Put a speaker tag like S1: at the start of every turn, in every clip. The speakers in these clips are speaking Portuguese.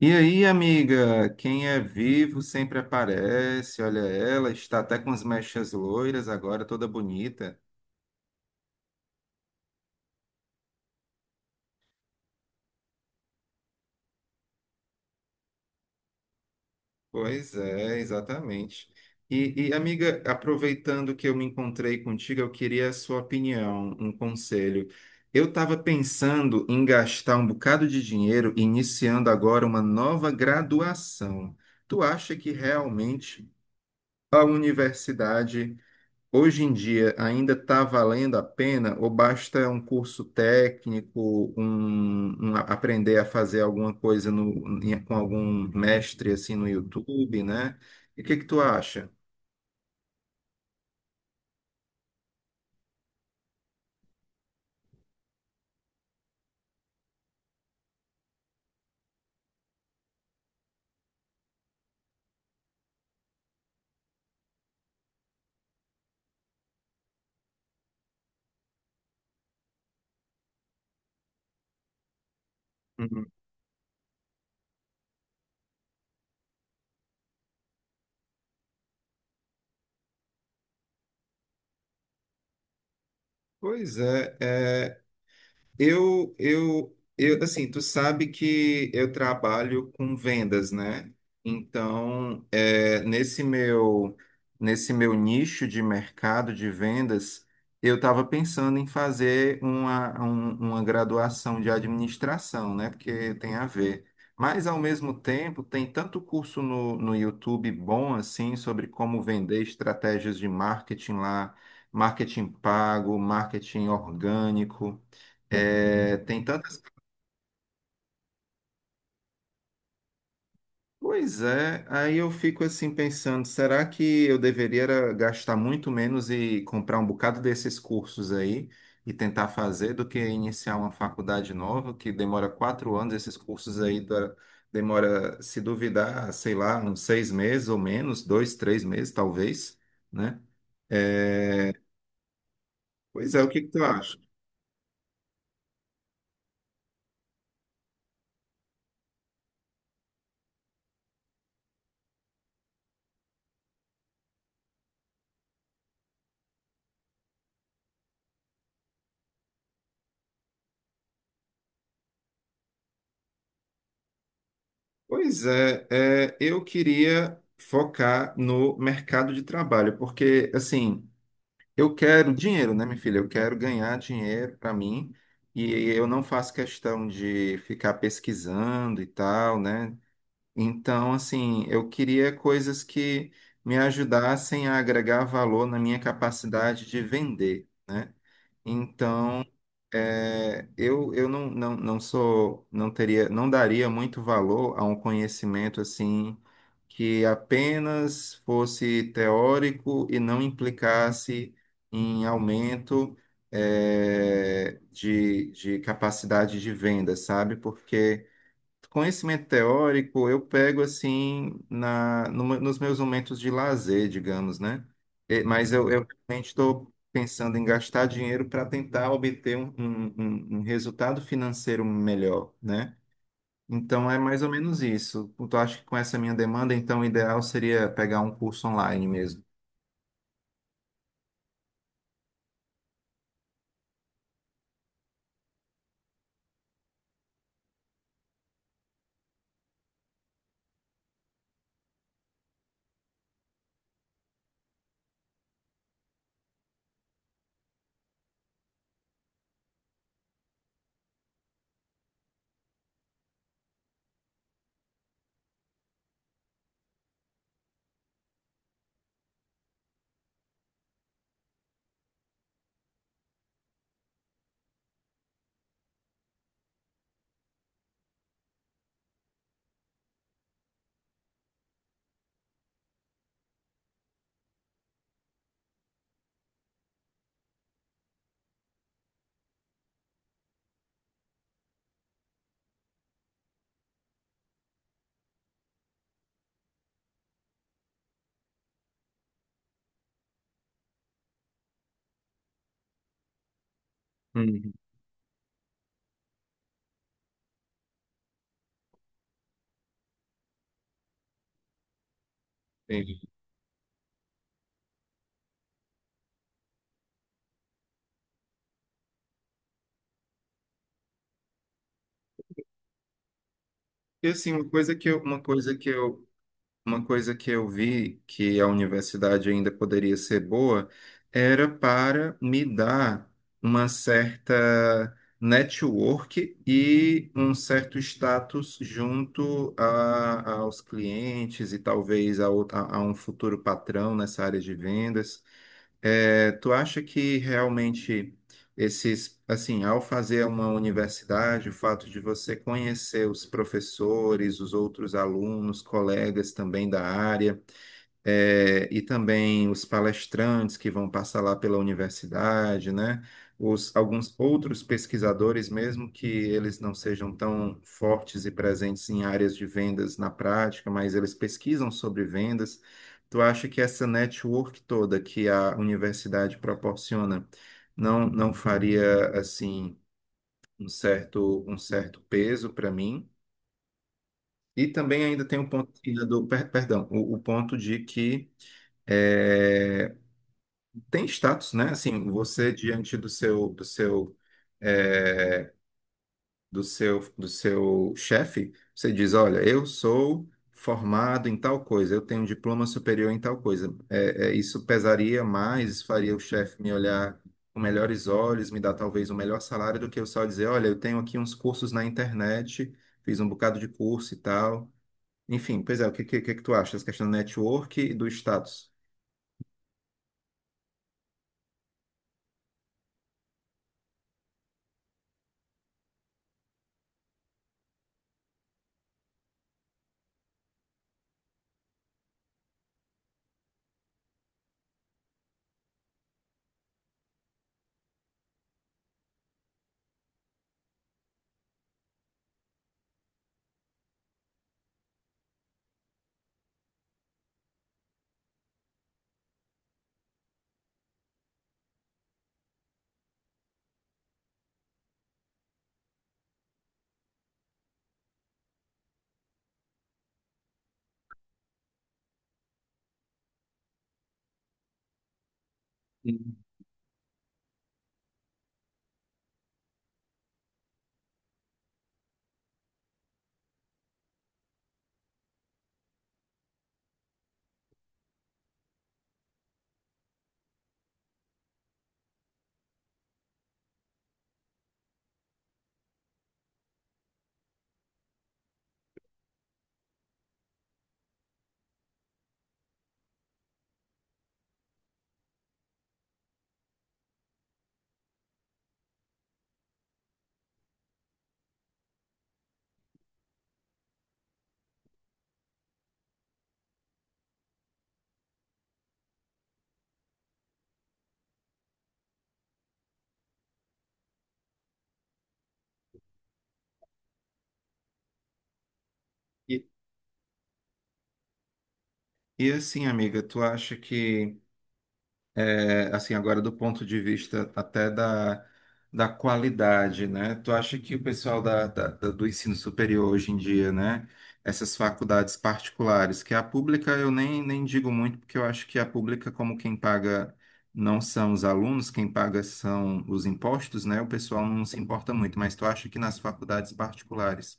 S1: E aí, amiga, quem é vivo sempre aparece. Olha ela, está até com as mechas loiras agora, toda bonita. Pois é, exatamente. Amiga, aproveitando que eu me encontrei contigo, eu queria a sua opinião, um conselho. Eu estava pensando em gastar um bocado de dinheiro, iniciando agora uma nova graduação. Tu acha que realmente a universidade hoje em dia ainda está valendo a pena ou basta um curso técnico, aprender a fazer alguma coisa com algum mestre assim no YouTube, né? E o que que tu acha? Uhum. Pois é, assim, tu sabe que eu trabalho com vendas, né? Então, nesse nesse meu nicho de mercado de vendas, eu estava pensando em fazer uma graduação de administração, né? Porque tem a ver. Mas, ao mesmo tempo, tem tanto curso no YouTube bom, assim, sobre como vender estratégias de marketing lá, marketing pago, marketing orgânico. É, tem tantas. Pois é, aí eu fico assim pensando, será que eu deveria era gastar muito menos e comprar um bocado desses cursos aí e tentar fazer do que iniciar uma faculdade nova que demora quatro anos, esses cursos aí da- demora, se duvidar, sei lá, uns seis meses ou menos, dois, três meses talvez, né? É, pois é, o que que tu acha? Pois é, é, eu queria focar no mercado de trabalho, porque assim. Eu quero dinheiro, né, minha filha? Eu quero ganhar dinheiro para mim e eu não faço questão de ficar pesquisando e tal, né? Então, assim, eu queria coisas que me ajudassem a agregar valor na minha capacidade de vender, né? Então, eu não, não sou, não teria, não daria muito valor a um conhecimento assim que apenas fosse teórico e não implicasse em aumento, de capacidade de venda, sabe? Porque conhecimento teórico eu pego assim nos meus momentos de lazer, digamos, né? Mas eu realmente estou pensando em gastar dinheiro para tentar obter um resultado financeiro melhor, né? Então é mais ou menos isso. Eu acho que com essa minha demanda, então o ideal seria pegar um curso online mesmo. Uhum. Entendi. E assim, uma coisa que eu uma coisa que eu vi que a universidade ainda poderia ser boa era para me dar uma certa network e um certo status junto aos clientes e talvez a um futuro patrão nessa área de vendas. É, tu acha que realmente esses, assim, ao fazer uma universidade, o fato de você conhecer os professores, os outros alunos, colegas também da área, e também os palestrantes que vão passar lá pela universidade, né? Os, alguns outros pesquisadores, mesmo que eles não sejam tão fortes e presentes em áreas de vendas na prática, mas eles pesquisam sobre vendas. Tu acha que essa network toda que a universidade proporciona não, não faria assim um certo peso para mim? E também ainda tem o ponto ainda perdão, o ponto de que eh, tem status, né? Assim, você diante eh, do seu chefe, você diz, olha, eu sou formado em tal coisa, eu tenho um diploma superior em tal coisa. Isso pesaria mais, faria o chefe me olhar com melhores olhos, me dar talvez um melhor salário do que eu só dizer, olha, eu tenho aqui uns cursos na internet, fiz um bocado de curso e tal. Enfim, pois é, o que é que tu acha? Essa questão do network e do status. E, e assim, amiga, tu acha que é, assim, agora do ponto de vista até da qualidade, né? Tu acha que o pessoal do ensino superior hoje em dia, né? Essas faculdades particulares, que a pública eu nem digo muito, porque eu acho que a pública, como quem paga não são os alunos, quem paga são os impostos, né? O pessoal não se importa muito, mas tu acha que nas faculdades particulares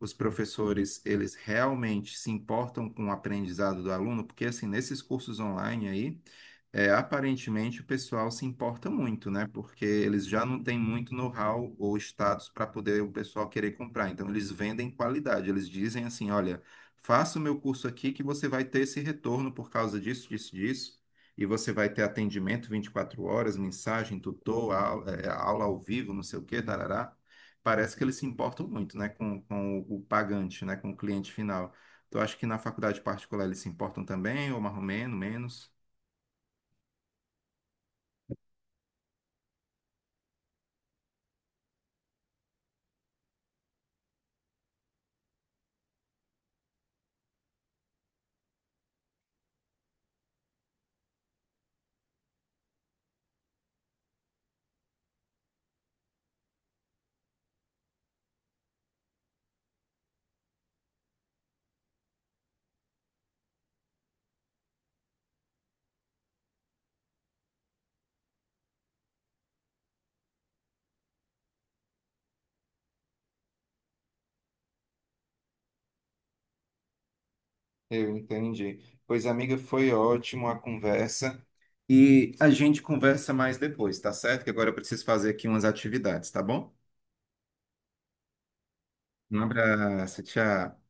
S1: os professores, eles realmente se importam com o aprendizado do aluno? Porque, assim, nesses cursos online aí, é, aparentemente o pessoal se importa muito, né? Porque eles já não têm muito know-how ou status para poder o pessoal querer comprar. Então eles vendem qualidade. Eles dizem assim, olha, faça o meu curso aqui que você vai ter esse retorno por causa disso, disso, disso. E você vai ter atendimento 24 horas, mensagem, tutor, aula ao vivo, não sei o quê, tarará. Parece que eles se importam muito, né? Com o pagante, né? Com o cliente final. Tu acha que na faculdade particular eles se importam também, ou mais ou menos, menos? Eu entendi. Pois, amiga, foi ótimo a conversa. E a gente conversa mais depois, tá certo? Que agora eu preciso fazer aqui umas atividades, tá bom? Um abraço, tchau.